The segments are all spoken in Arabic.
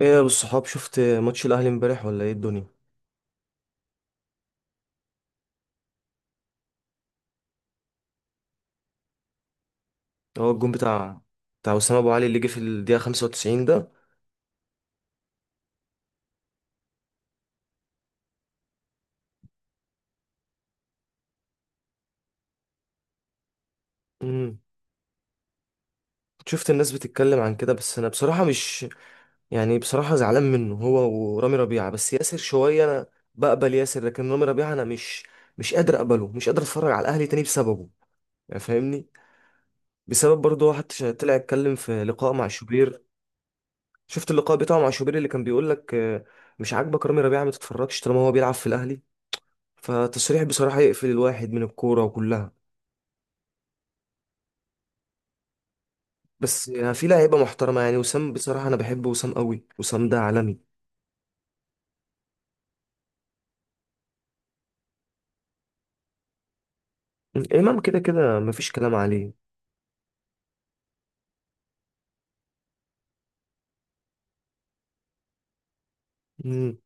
ايه يا ابو الصحاب، شفت ماتش الاهلي امبارح ولا ايه الدنيا؟ هو الجون بتاع اسامه ابو علي اللي جه في الدقيقه 95 ده. امم. شفت الناس بتتكلم عن كده، بس انا بصراحه مش يعني، بصراحه زعلان منه، هو ورامي ربيعه، بس ياسر شويه انا بقبل ياسر، لكن رامي ربيعه انا مش قادر اقبله، مش قادر اتفرج على الاهلي تاني بسببه، يعني فاهمني. بسبب برضه واحد طلع اتكلم في لقاء مع شوبير. شفت اللقاء بتاعه مع شوبير اللي كان بيقول لك مش عاجبك رامي ربيعه، ما تتفرجش طالما هو بيلعب في الاهلي، فالتصريح بصراحة يقفل الواحد من الكورة كلها. بس يعني في لعيبة محترمة، يعني وسام، بصراحة أنا بحب وسام قوي، وسام ده عالمي. إمام كده كده مفيش كلام عليه. مم.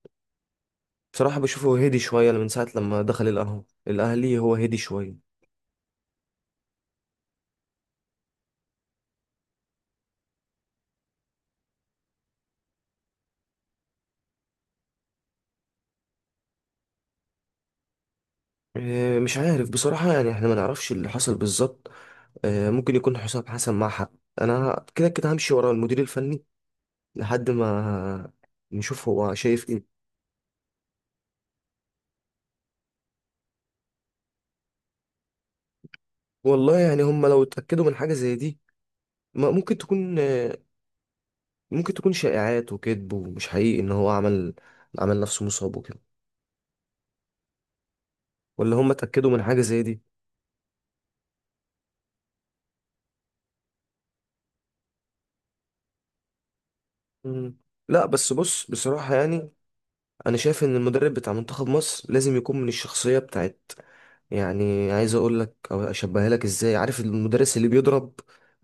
بصراحة بشوفه هادي شوية من ساعة لما دخل القهوة الأهلي، هو هادي شوية. إيه، مش عارف بصراحة، يعني احنا ما نعرفش اللي حصل بالظبط. إيه، ممكن يكون حسام حسن مع حق. أنا كده كده همشي ورا المدير الفني لحد ما نشوف هو شايف إيه. والله يعني هم لو اتأكدوا من حاجة زي دي ما- ممكن تكون ممكن تكون شائعات وكذب ومش حقيقي ان هو عمل نفسه مصاب وكده، ولا هم اتأكدوا من حاجة زي دي. مم. لا بس بص، بصراحة يعني انا شايف ان المدرب بتاع منتخب مصر لازم يكون من الشخصية بتاعت. يعني عايز اقول لك او اشبهها لك ازاي، عارف المدرس اللي بيضرب،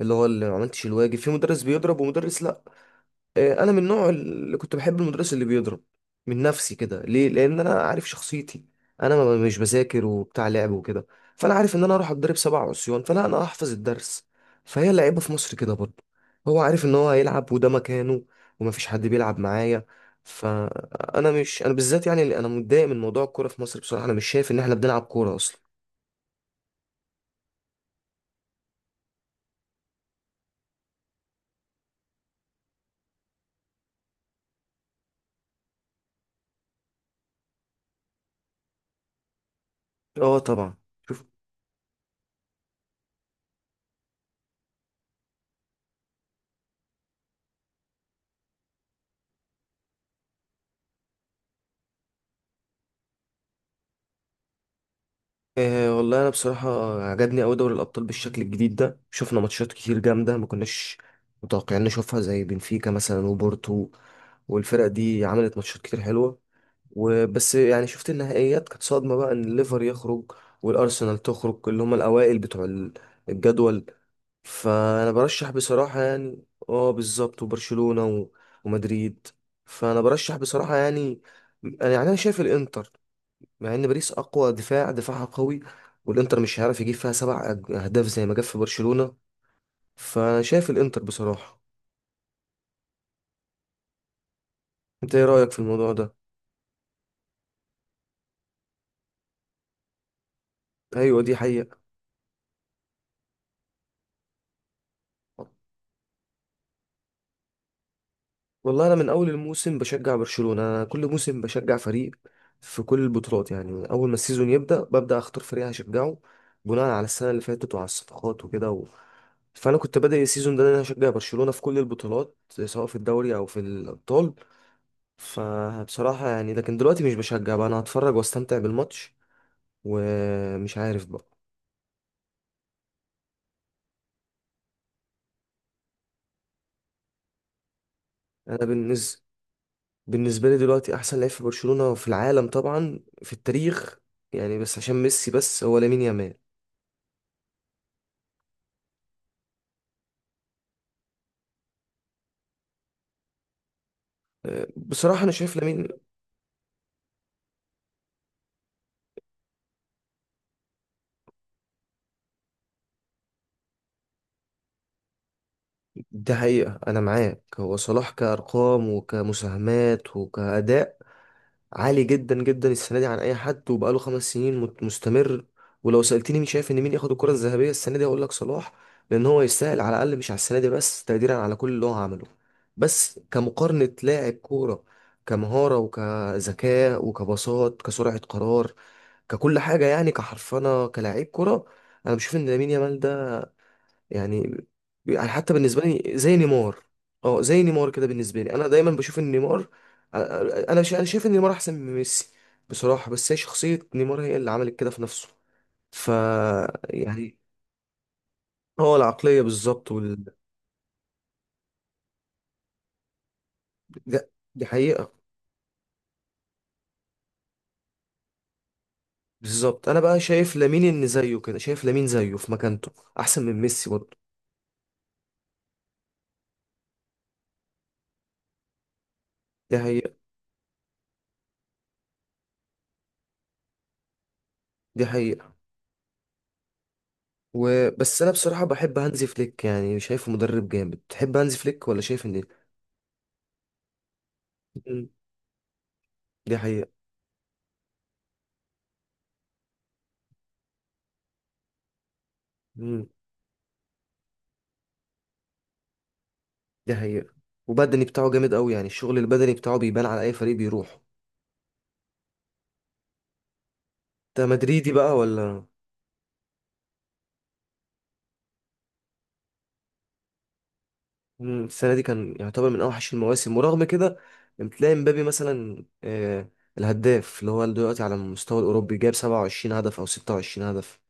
اللي هو اللي ما عملتش الواجب، في مدرس بيضرب ومدرس لا. آه، انا من النوع اللي كنت بحب المدرس اللي بيضرب من نفسي كده، ليه؟ لان انا عارف شخصيتي، انا مش بذاكر وبتاع لعب وكده، فانا عارف ان انا اروح اتضرب سبع عصيان فلا انا احفظ الدرس. فهي اللعيبه في مصر كده برضه، هو عارف ان هو هيلعب وده مكانه، ومفيش حد بيلعب معايا، فانا مش انا بالذات، يعني اللي انا متضايق من موضوع الكوره في مصر، بصراحه انا مش شايف ان احنا بنلعب كوره اصلا. اه طبعا. آه، والله انا بصراحه عجبني قوي دوري الابطال بالشكل الجديد ده، شفنا ماتشات كتير جامده ما كناش متوقعين نشوفها، زي بنفيكا مثلا وبورتو، والفرق دي عملت ماتشات كتير حلوه. وبس يعني شفت النهائيات كانت صدمه بقى ان الليفر يخرج والارسنال تخرج، اللي هم الاوائل بتوع الجدول. فانا برشح بصراحه يعني، اه بالظبط، وبرشلونه ومدريد. فانا برشح بصراحه يعني، انا يعني انا شايف الانتر، مع ان باريس اقوى دفاع، دفاعها قوي، والانتر مش هيعرف يجيب فيها سبع اهداف زي ما جاب في برشلونة. فشايف الانتر بصراحة، انت ايه رأيك في الموضوع ده؟ ايوه دي حقيقة. والله انا من اول الموسم بشجع برشلونة، انا كل موسم بشجع فريق في كل البطولات، يعني من اول ما السيزون يبدأ ببدأ اختار فريق هشجعه، بناء على السنة اللي فاتت وعلى الصفقات وكده و. فانا كنت بادئ السيزون ده ان انا هشجع برشلونة في كل البطولات، سواء في الدوري او في الابطال. فبصراحة يعني، لكن دلوقتي مش بشجع بقى، انا هتفرج واستمتع بالماتش، ومش عارف بقى. انا بالنسبة، بالنسبة لي دلوقتي احسن لعيب في برشلونة، في العالم طبعا، في التاريخ يعني، بس عشان ميسي، بس هو لامين يامال. أه، بصراحة انا شايف لامين. ده حقيقة، انا معاك، هو صلاح كأرقام وكمساهمات وكأداء عالي جدا جدا السنه دي عن اي حد، وبقاله 5 سنين مستمر. ولو سالتني مين شايف ان مين ياخد الكره الذهبيه السنه دي هقول لك صلاح، لان هو يستاهل، على الاقل مش على السنه دي بس، تقديرا على كل اللي هو عمله. بس كمقارنه لاعب كوره، كمهاره وكذكاء وكبساط، كسرعه قرار، ككل حاجه يعني، كحرفنه كلاعب كوره، انا بشوف ان لامين يامال ده يعني يعني حتى بالنسبه لي زي نيمار. اه زي نيمار كده، بالنسبه لي انا دايما بشوف ان نيمار، انا شايف ان نيمار احسن من ميسي بصراحه، بس هي شخصيه نيمار هي اللي عملت كده في نفسه، ف يعني هو العقليه بالظبط، وال. دي حقيقه. بالظبط، انا بقى شايف لامين ان زيه كده، شايف لامين زيه في مكانته احسن من ميسي برضه. دي حقيقه. دي حقيقه، وبس انا بصراحه بحب هانزي فليك، يعني شايفه مدرب جامد، تحب هانزي فليك ولا شايف ان. مم. دي حقيقه. مم. دي حقيقة، وبدني بتاعه جامد قوي، يعني الشغل البدني بتاعه بيبان على اي فريق بيروح. انت مدريدي بقى ولا؟ مم، السنة دي كان يعتبر من اوحش المواسم، ورغم كده بتلاقي مبابي مثلا الهداف، اللي هو دلوقتي على المستوى الاوروبي جايب 27 هدف او 26 هدف.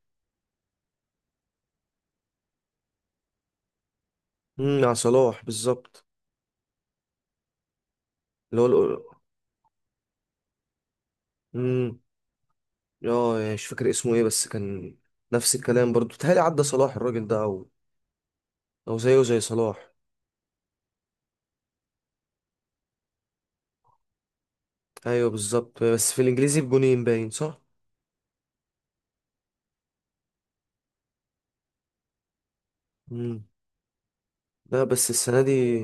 مع صلاح بالظبط. اللي هو امم اه يعني مش فاكر اسمه ايه، بس كان نفس الكلام برضو، بيتهيألي عدى صلاح الراجل ده، او زيه زي صلاح. ايوه بالظبط، بس في الانجليزي بجونين، باين صح؟ مم. لا بس السنة دي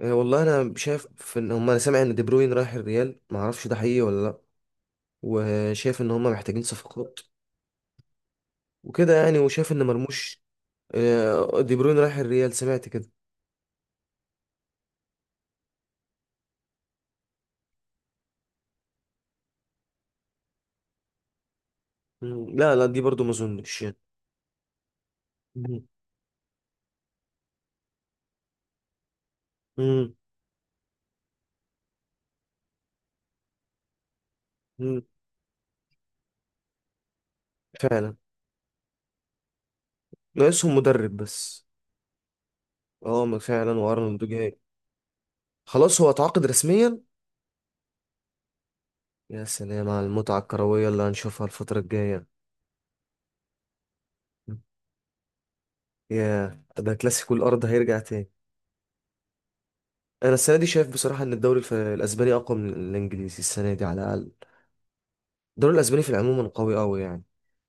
والله انا شايف في ان هم، انا سامع ان دي بروين رايح الريال، ما اعرفش ده حقيقي ولا لا، وشايف ان هم محتاجين صفقات وكده، يعني وشايف ان مرموش. آه، دي بروين رايح الريال، سمعت كده. مم، لا لا دي برضو ما اظنش يعني. مم. مم. مم. فعلا، ناقصهم مدرب بس. اه ما فعلا، وارنولد جاي. خلاص، هو اتعاقد رسميا. يا سلام على المتعة الكروية اللي هنشوفها الفترة الجاية. يا، ده كلاسيكو الارض هيرجع تاني. انا السنه دي شايف بصراحه ان الدوري الاسباني اقوى من الانجليزي السنه دي على الاقل. الدوري الاسباني في العموم قوي قوي يعني.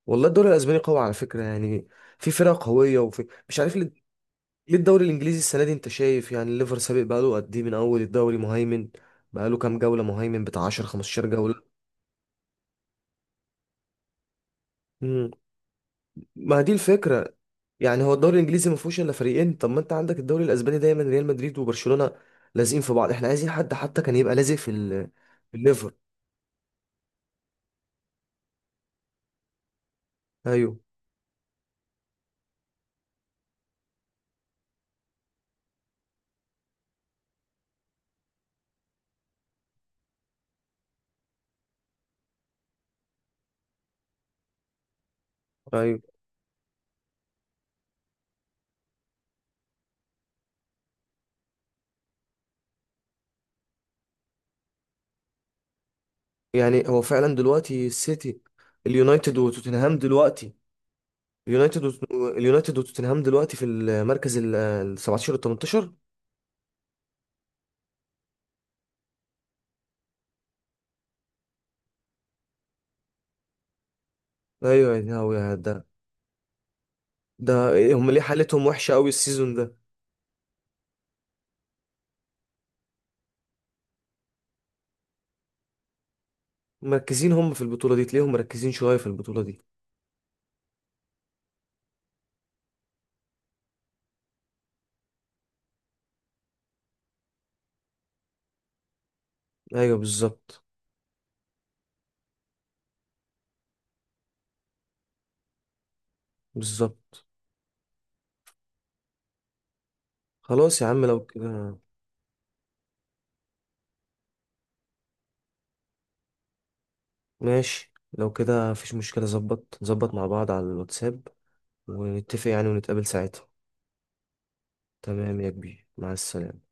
والله الدوري الاسباني قوي على فكره يعني، في فرق قويه، وفي مش عارف ليه. ليه الدوري الانجليزي السنه دي انت شايف يعني الليفر سابق، بقاله قد ايه من اول الدوري مهيمن، بقاله كام جوله مهيمن، بتاع 10 15 جوله. امم ما هي دي الفكره، يعني هو الدوري الانجليزي ما فيهوش الا فريقين، طب ما انت عندك الدوري الاسباني دايما ريال مدريد وبرشلونه لازقين في بعض، احنا عايزين حد حتى كان يبقى لازق في في الليفر. ايوه. ايوه يعني هو فعلا دلوقتي السيتي، اليونايتد وتوتنهام دلوقتي، اليونايتد وتوتنهام دلوقتي في المركز ال 17 وال 18. ايوه، يا هو يا ده ده إيه، هم ليه حالتهم وحشه قوي السيزون ده؟ مركزين هم في البطوله دي، تلاقيهم مركزين شويه في البطوله دي. ايوه بالظبط. بالظبط. خلاص يا عم لو كده، ماشي. لو كده مفيش مشكله، ظبط نظبط مع بعض على الواتساب ونتفق يعني، ونتقابل ساعتها. تمام يا كبير، مع السلامه.